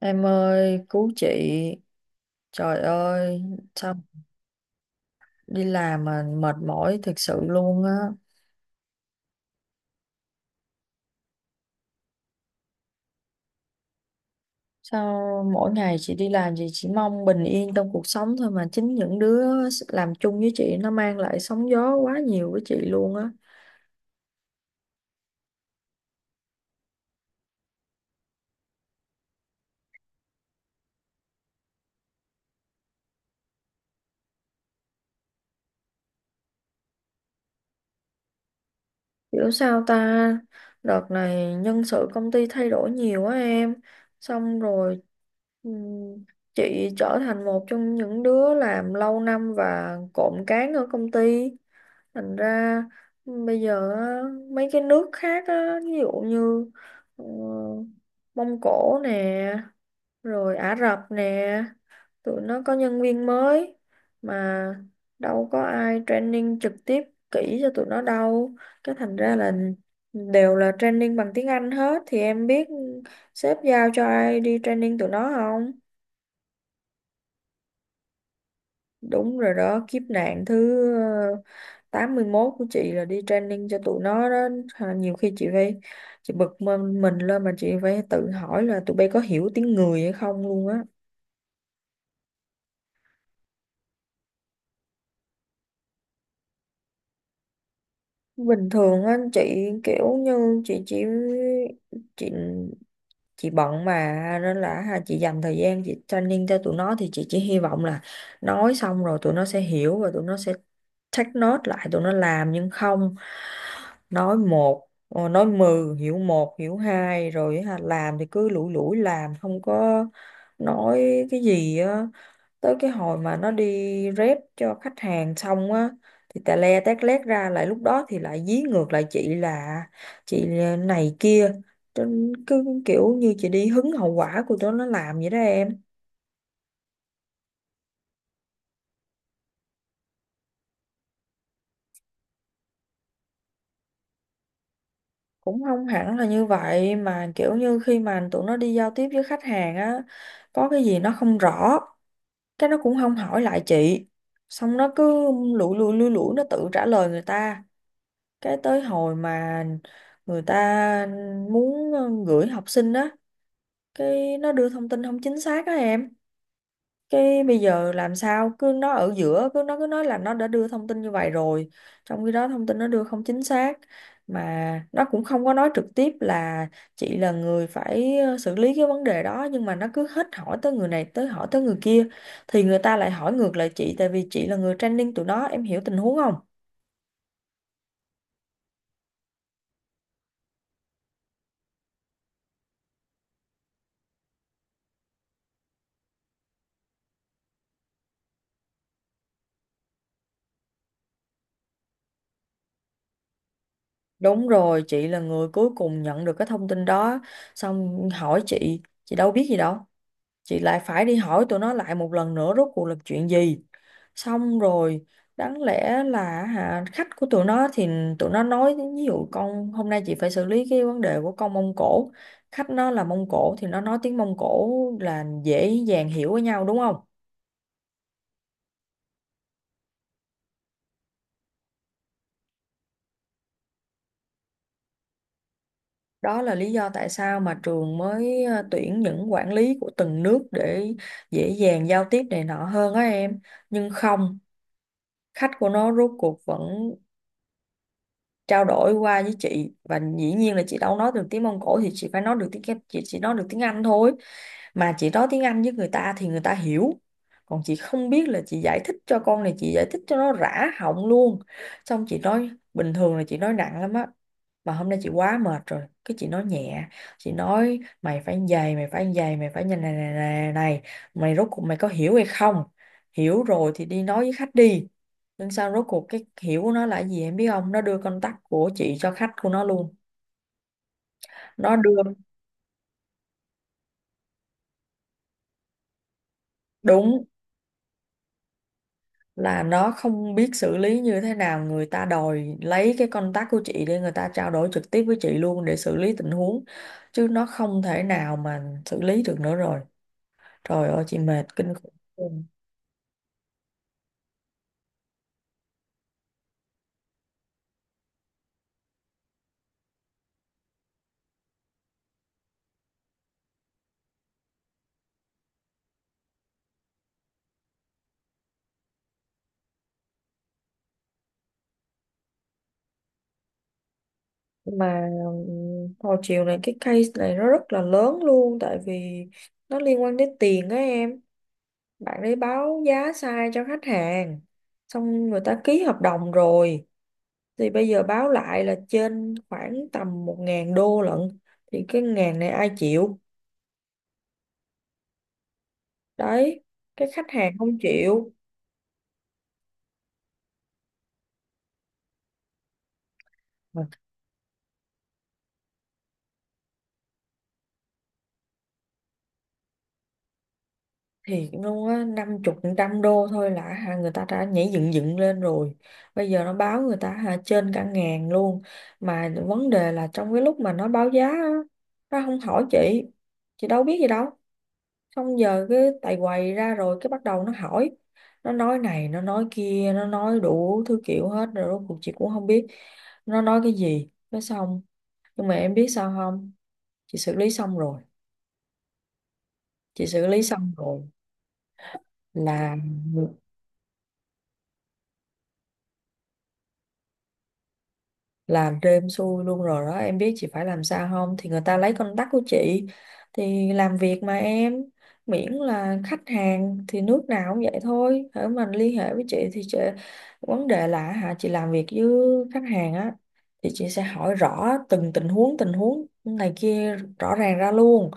Em ơi, cứu chị. Trời ơi, sao đi làm mà mệt mỏi thực sự luôn á. Sao mỗi ngày chị đi làm chị chỉ mong bình yên trong cuộc sống thôi mà chính những đứa làm chung với chị nó mang lại sóng gió quá nhiều với chị luôn á. Hiểu sao ta? Đợt này nhân sự công ty thay đổi nhiều á em. Xong rồi ừm, chị trở thành một trong những đứa làm lâu năm và cộm cán ở công ty. Thành ra bây giờ á, mấy cái nước khác á, ví dụ như ờ, Mông Cổ nè rồi Ả Rập nè, tụi nó có nhân viên mới mà đâu có ai training trực tiếp kỹ cho tụi nó đâu, cái thành ra là đều là training bằng tiếng Anh hết, thì em biết sếp giao cho ai đi training tụi nó không? Đúng rồi đó, kiếp nạn thứ 81 của chị là đi training cho tụi nó đó. Nhiều khi chị phải, chị bực mình lên mà chị phải tự hỏi là tụi bay có hiểu tiếng người hay không luôn á. Bình thường á, chị kiểu như chị chỉ, chị chị bận mà nên là ha, chị dành thời gian chị training cho tụi nó thì chị chỉ hy vọng là nói xong rồi tụi nó sẽ hiểu và tụi nó sẽ take note lại, tụi nó làm nhưng không, nói một nói mười hiểu một hiểu hai rồi ha, làm thì cứ lủi lủi làm không có nói cái gì á, tới cái hồi mà nó đi rep cho khách hàng xong á thì tè le tét lét ra, lại lúc đó thì lại dí ngược lại chị là chị này kia, trên cứ kiểu như chị đi hứng hậu quả của tụi nó làm vậy đó em. Cũng không hẳn là như vậy mà kiểu như khi mà tụi nó đi giao tiếp với khách hàng á, có cái gì nó không rõ, cái nó cũng không hỏi lại chị, xong nó cứ lủi lủi nó tự trả lời người ta, cái tới hồi mà người ta muốn gửi học sinh á, cái nó đưa thông tin không chính xác á em, cái bây giờ làm sao cứ nó ở giữa cứ nó cứ nói là nó đã đưa thông tin như vậy rồi, trong khi đó thông tin nó đưa không chính xác, mà nó cũng không có nói trực tiếp là chị là người phải xử lý cái vấn đề đó, nhưng mà nó cứ hết hỏi tới người này tới hỏi tới người kia, thì người ta lại hỏi ngược lại chị tại vì chị là người training tụi nó, em hiểu tình huống không? Đúng rồi, chị là người cuối cùng nhận được cái thông tin đó, xong hỏi chị đâu biết gì đâu, chị lại phải đi hỏi tụi nó lại một lần nữa rốt cuộc là chuyện gì. Xong rồi đáng lẽ là hả, khách của tụi nó thì tụi nó nói, ví dụ con hôm nay chị phải xử lý cái vấn đề của con Mông Cổ, khách nó là Mông Cổ thì nó nói tiếng Mông Cổ, là dễ dàng hiểu với nhau đúng không. Đó là lý do tại sao mà trường mới tuyển những quản lý của từng nước để dễ dàng giao tiếp này nọ hơn á em. Nhưng không, khách của nó rốt cuộc vẫn trao đổi qua với chị, và dĩ nhiên là chị đâu nói được tiếng Mông Cổ thì chị phải nói được tiếng, chị chỉ nói được tiếng Anh thôi, mà chị nói tiếng Anh với người ta thì người ta hiểu, còn chị không biết là chị giải thích cho con này, chị giải thích cho nó rã họng luôn. Xong chị nói bình thường là chị nói nặng lắm á, mà hôm nay chị quá mệt rồi cái chị nói nhẹ, chị nói mày phải như vậy mày phải như vậy mày phải như này này này này, mày rốt cuộc mày có hiểu hay không, hiểu rồi thì đi nói với khách đi, nhưng sao rốt cuộc cái hiểu của nó là cái gì em biết không, nó đưa contact của chị cho khách của nó luôn. Nó đưa đúng là nó không biết xử lý như thế nào, người ta đòi lấy cái contact của chị để người ta trao đổi trực tiếp với chị luôn để xử lý tình huống, chứ nó không thể nào mà xử lý được nữa rồi. Trời ơi chị mệt kinh khủng. Nhưng mà hồi chiều này cái case này nó rất là lớn luôn tại vì nó liên quan đến tiền á em, bạn ấy báo giá sai cho khách hàng, xong người ta ký hợp đồng rồi, thì bây giờ báo lại là trên khoảng tầm 1.000 đô lận, thì cái ngàn này ai chịu đấy, cái khách hàng không chịu mà. Thiệt luôn á, năm chục trăm đô thôi là hả người ta đã nhảy dựng dựng lên rồi, bây giờ nó báo người ta hả trên cả ngàn luôn. Mà vấn đề là trong cái lúc mà nó báo giá á, nó không hỏi chị đâu biết gì đâu, xong giờ cái tại quầy ra rồi cái bắt đầu nó hỏi, nó nói này nó nói kia nó nói đủ thứ kiểu hết rồi, rốt cuộc chị cũng không biết nó nói cái gì. Cái xong nhưng mà em biết sao không, chị xử lý xong rồi. Chị xử lý xong rồi là làm cho em xui luôn rồi đó, em biết chị phải làm sao không, thì người ta lấy contact của chị thì làm việc mà em, miễn là khách hàng thì nước nào cũng vậy thôi, hễ mình liên hệ với chị thì chị, vấn đề là hả chị làm việc với khách hàng á, thì chị sẽ hỏi rõ từng tình huống này kia rõ ràng ra luôn,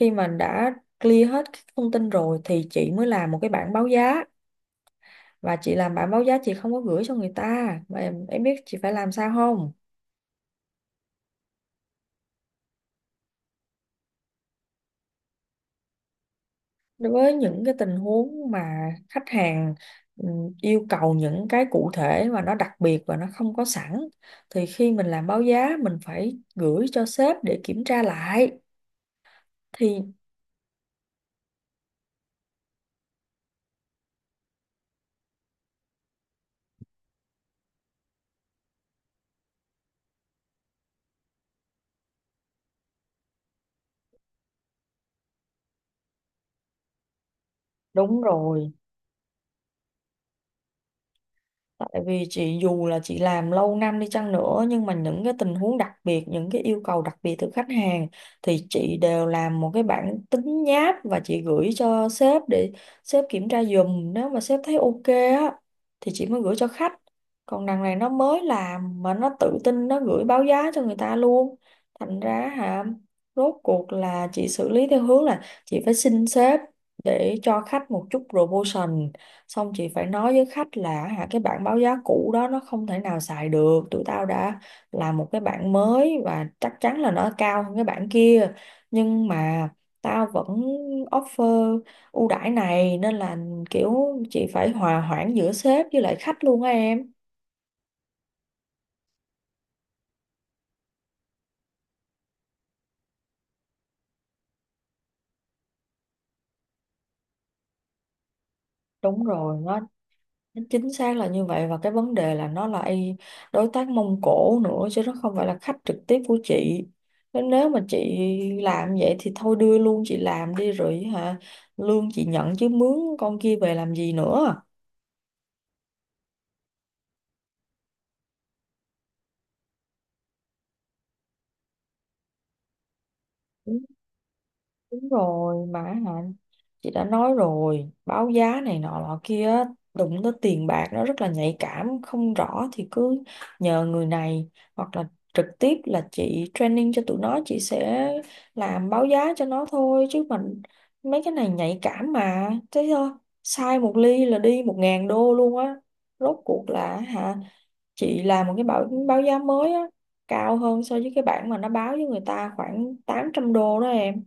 khi mà đã clear hết các thông tin rồi thì chị mới làm một cái bảng báo giá, và chị làm bảng báo giá chị không có gửi cho người ta mà em biết chị phải làm sao không? Đối với những cái tình huống mà khách hàng ừ, yêu cầu những cái cụ thể và nó đặc biệt và nó không có sẵn, thì khi mình làm báo giá mình phải gửi cho sếp để kiểm tra lại thì đúng rồi. Tại vì chị dù là chị làm lâu năm đi chăng nữa, nhưng mà những cái tình huống đặc biệt, những cái yêu cầu đặc biệt từ khách hàng thì chị đều làm một cái bản tính nháp và chị gửi cho sếp để sếp kiểm tra giùm. Nếu mà sếp thấy ok á thì chị mới gửi cho khách. Còn đằng này nó mới làm mà nó tự tin nó gửi báo giá cho người ta luôn. Thành ra hả, rốt cuộc là chị xử lý theo hướng là chị phải xin sếp để cho khách một chút promotion, xong chị phải nói với khách là hả cái bảng báo giá cũ đó nó không thể nào xài được, tụi tao đã làm một cái bảng mới và chắc chắn là nó cao hơn cái bảng kia, nhưng mà tao vẫn offer ưu đãi này, nên là kiểu chị phải hòa hoãn giữa sếp với lại khách luôn á em. Đúng rồi, nó chính xác là như vậy, và cái vấn đề là nó là đối tác Mông Cổ nữa chứ nó không phải là khách trực tiếp của chị, nên nếu mà chị làm vậy thì thôi đưa luôn chị làm đi rồi hả, lương chị nhận chứ mướn con kia về làm gì nữa. Đúng, đúng rồi mà hả, chị đã nói rồi báo giá này nọ nọ kia á, đụng tới tiền bạc nó rất là nhạy cảm, không rõ thì cứ nhờ người này hoặc là trực tiếp là chị training cho tụi nó, chị sẽ làm báo giá cho nó thôi, chứ mình mấy cái này nhạy cảm mà thế thôi, sai một ly là đi 1.000 đô luôn á. Rốt cuộc là hả, chị làm một cái báo báo giá mới á, cao hơn so với cái bản mà nó báo với người ta khoảng 800 đô đó em,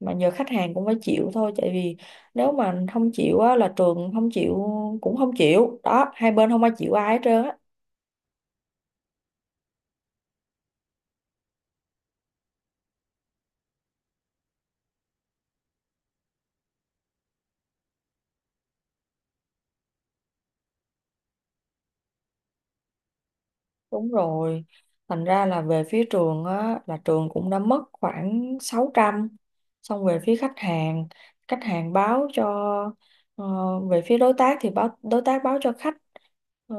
mà giờ khách hàng cũng phải chịu thôi tại vì nếu mà không chịu á là trường không chịu, cũng không chịu đó, hai bên không ai chịu ai hết trơn á. Đúng rồi. Thành ra là về phía trường á, là trường cũng đã mất khoảng 600. Xong về phía khách hàng báo cho ờ, về phía đối tác thì báo, đối tác báo cho khách ờ,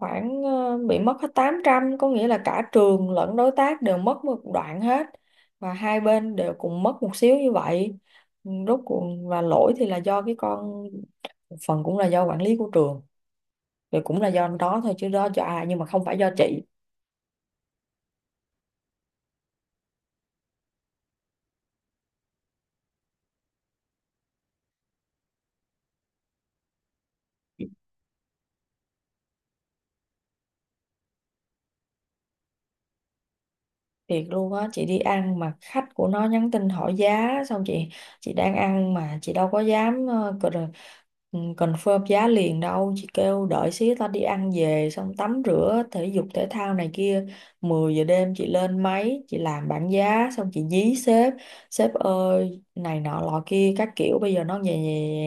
khoảng bị mất hết 800. Có nghĩa là cả trường lẫn đối tác đều mất một đoạn hết, và hai bên đều cùng mất một xíu như vậy. Rốt cuộc và lỗi thì là do cái con, phần cũng là do quản lý của trường thì cũng là do đó thôi chứ đó do ai, nhưng mà không phải do chị. Thiệt luôn á, chị đi ăn mà khách của nó nhắn tin hỏi giá, xong chị đang ăn mà chị đâu có dám confirm giá liền đâu, chị kêu đợi xíu tao đi ăn về xong tắm rửa thể dục thể thao này kia, 10 giờ đêm chị lên máy chị làm bảng giá xong chị dí sếp, sếp ơi này nọ lọ kia các kiểu bây giờ nó về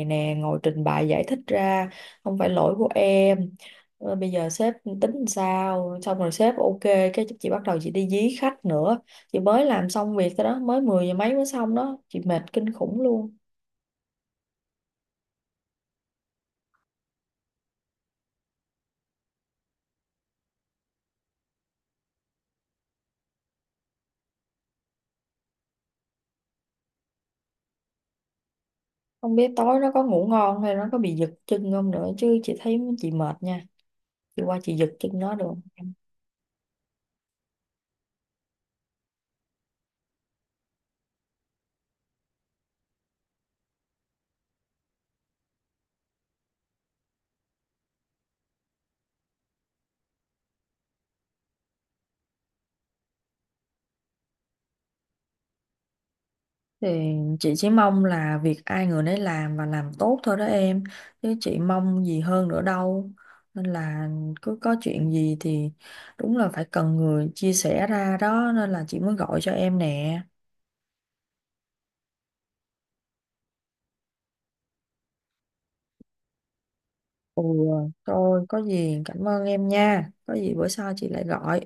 nè, ngồi trình bày giải thích ra không phải lỗi của em. Bây giờ sếp tính làm sao, xong rồi sếp ok, cái chị bắt đầu chị đi dí khách nữa. Chị mới làm xong việc thôi đó, mới 10 giờ mấy mới xong đó, chị mệt kinh khủng luôn. Không biết tối nó có ngủ ngon hay nó có bị giật chân không nữa chứ chị thấy chị mệt nha, chị qua chị giật chân nó được không em? Thì chị chỉ mong là việc ai người nấy làm và làm tốt thôi đó em, chứ chị mong gì hơn nữa đâu, nên là cứ có chuyện gì thì đúng là phải cần người chia sẻ ra đó, nên là chị mới gọi cho em nè. Ừ, thôi có gì cảm ơn em nha. Có gì bữa sau chị lại gọi.